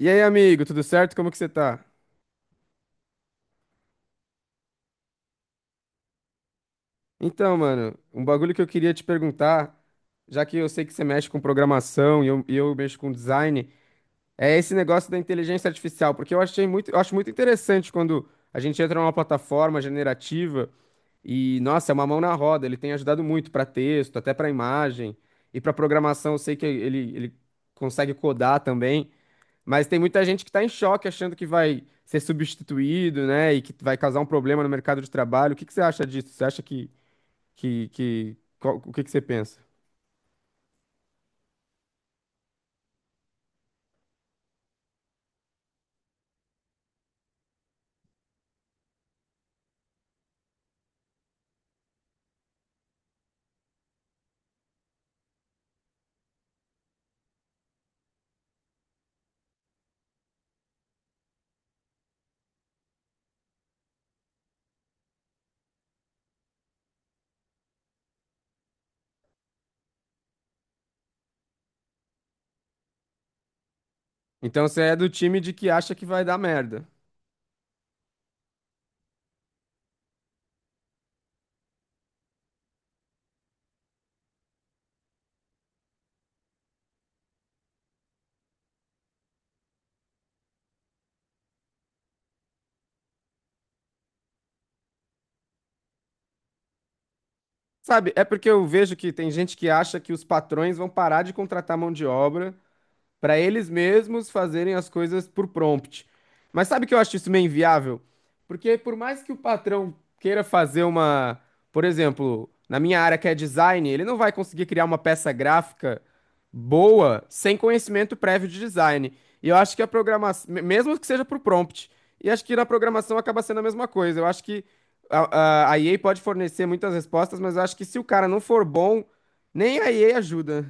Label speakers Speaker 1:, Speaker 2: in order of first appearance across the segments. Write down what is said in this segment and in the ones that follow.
Speaker 1: E aí, amigo, tudo certo? Como que você tá? Então, mano, um bagulho que eu queria te perguntar, já que eu sei que você mexe com programação e eu mexo com design, é esse negócio da inteligência artificial, porque eu achei muito, eu acho muito interessante quando a gente entra numa plataforma generativa e, nossa, é uma mão na roda, ele tem ajudado muito para texto, até para imagem, e para programação eu sei que ele consegue codar também. Mas tem muita gente que está em choque achando que vai ser substituído, né? E que vai causar um problema no mercado de trabalho. O que que você acha disso? Você acha o que que você pensa? Então você é do time de que acha que vai dar merda. Sabe, é porque eu vejo que tem gente que acha que os patrões vão parar de contratar mão de obra para eles mesmos fazerem as coisas por prompt. Mas sabe que eu acho isso meio inviável? Porque por mais que o patrão queira fazer uma, por exemplo, na minha área que é design, ele não vai conseguir criar uma peça gráfica boa sem conhecimento prévio de design. E eu acho que mesmo que seja por prompt, e acho que na programação acaba sendo a mesma coisa. Eu acho que a EA pode fornecer muitas respostas, mas eu acho que se o cara não for bom, nem a EA ajuda.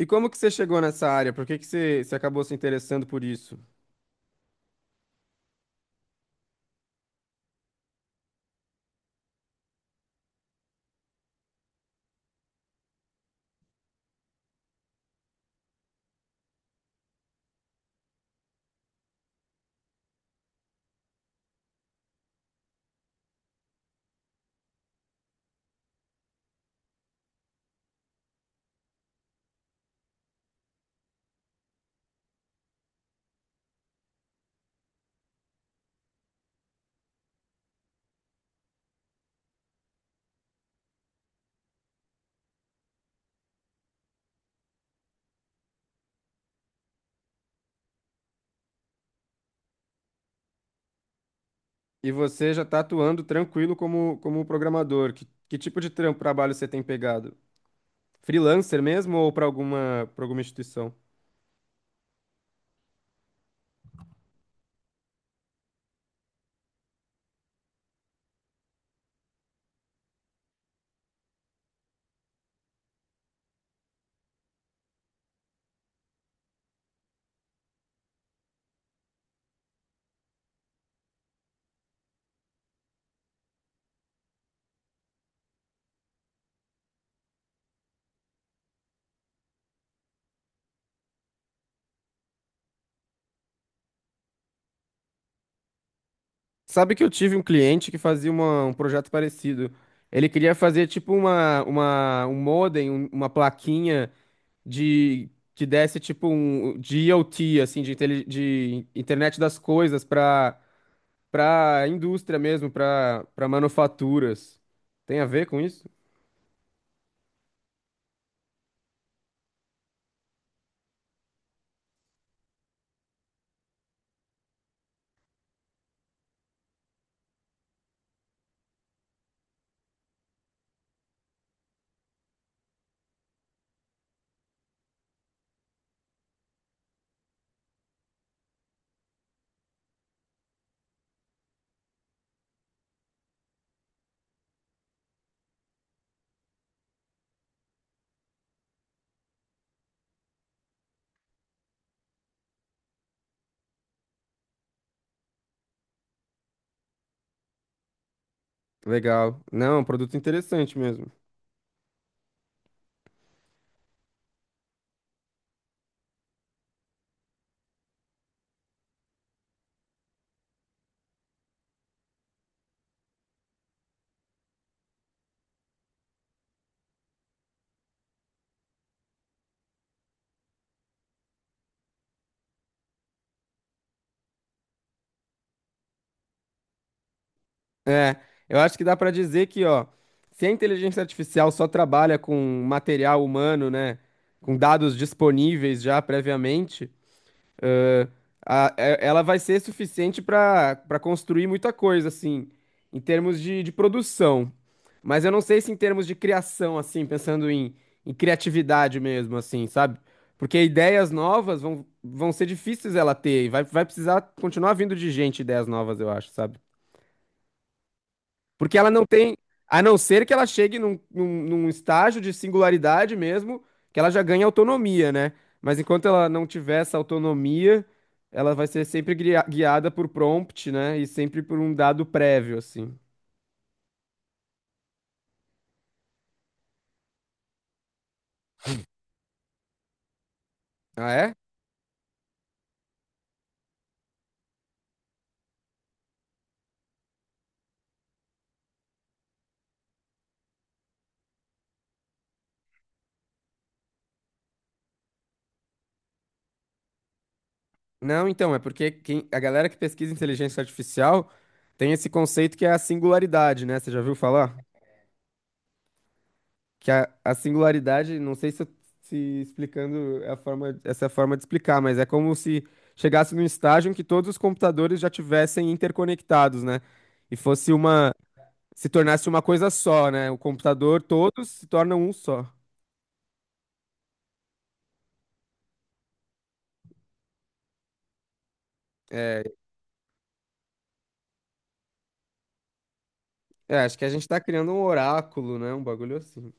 Speaker 1: E como que você chegou nessa área? Por que que você acabou se interessando por isso? E você já está atuando tranquilo como, como programador. Que tipo de trabalho você tem pegado? Freelancer mesmo ou para alguma instituição? Sabe que eu tive um cliente que fazia um projeto parecido. Ele queria fazer tipo um modem, uma plaquinha de que desse tipo um de IoT, assim, de, de internet das coisas para para indústria mesmo, para para manufaturas. Tem a ver com isso? Legal. Não, é um produto interessante mesmo. É, eu acho que dá para dizer que, ó, se a inteligência artificial só trabalha com material humano, né, com dados disponíveis já previamente, ela vai ser suficiente para para construir muita coisa, assim, em termos de produção. Mas eu não sei se em termos de criação, assim, pensando em, em criatividade mesmo, assim, sabe? Porque ideias novas vão, vão ser difíceis ela ter, e vai, vai precisar continuar vindo de gente ideias novas, eu acho, sabe? Porque ela não tem, a não ser que ela chegue num estágio de singularidade mesmo, que ela já ganha autonomia, né? Mas enquanto ela não tiver essa autonomia, ela vai ser sempre guiada por prompt, né? E sempre por um dado prévio, assim. Ah, é? Não, então, é porque a galera que pesquisa inteligência artificial tem esse conceito que é a singularidade, né? Você já viu falar? Que a singularidade, não sei se explicando é a forma, essa é a forma de explicar, mas é como se chegasse num estágio em que todos os computadores já tivessem interconectados, né? E se tornasse uma coisa só, né? O computador, todos se tornam um só. É, é, acho que a gente tá criando um oráculo, né? Um bagulho assim.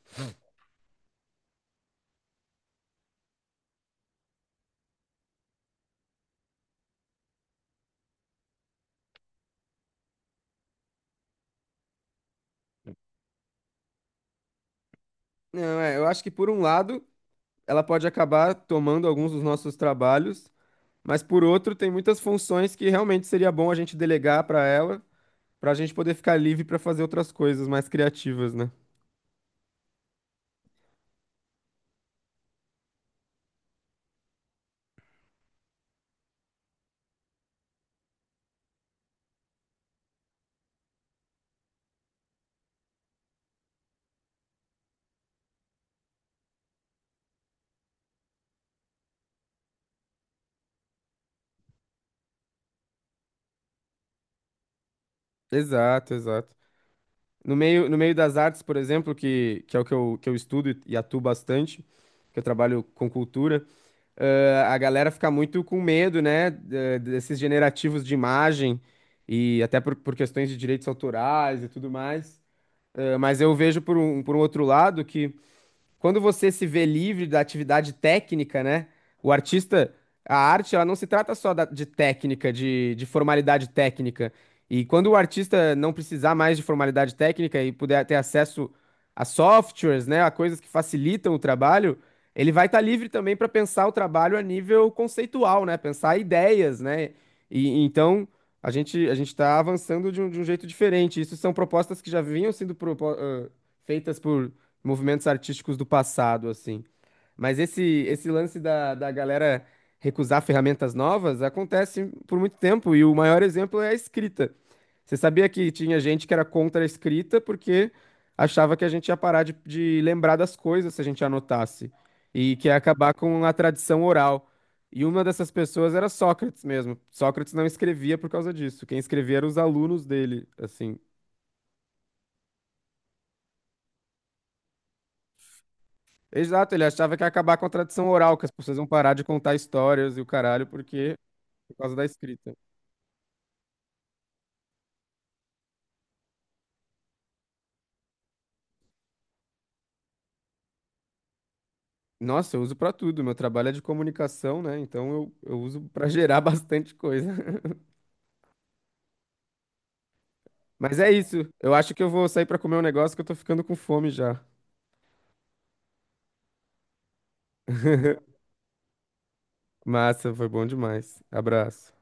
Speaker 1: Não, é, eu acho que por um lado, ela pode acabar tomando alguns dos nossos trabalhos, mas por outro, tem muitas funções que realmente seria bom a gente delegar para ela, para a gente poder ficar livre para fazer outras coisas mais criativas, né? Exato, exato. No meio das artes, por exemplo, que é o que que eu estudo e atuo bastante, que eu trabalho com cultura, a galera fica muito com medo, né, desses generativos de imagem e até por questões de direitos autorais e tudo mais. Mas eu vejo por um outro lado que quando você se vê livre da atividade técnica, né? O artista, a arte, ela não se trata só de técnica, de formalidade técnica. E quando o artista não precisar mais de formalidade técnica e puder ter acesso a softwares, né, a coisas que facilitam o trabalho, ele vai estar livre também para pensar o trabalho a nível conceitual, né? Pensar ideias, né? E então a gente está avançando de um jeito diferente. Isso são propostas que já vinham sendo feitas por movimentos artísticos do passado, assim. Mas esse lance da galera recusar ferramentas novas acontece por muito tempo, e o maior exemplo é a escrita. Você sabia que tinha gente que era contra a escrita porque achava que a gente ia parar de lembrar das coisas se a gente anotasse, e que ia acabar com a tradição oral. E uma dessas pessoas era Sócrates mesmo. Sócrates não escrevia por causa disso. Quem escrevia eram os alunos dele, assim. Exato, ele achava que ia acabar com a tradição oral, que as pessoas iam parar de contar histórias e o caralho, porque por causa da escrita. Nossa, eu uso pra tudo. Meu trabalho é de comunicação, né? Então eu uso pra gerar bastante coisa. Mas é isso. Eu acho que eu vou sair pra comer um negócio que eu tô ficando com fome já. Massa, foi bom demais. Abraço.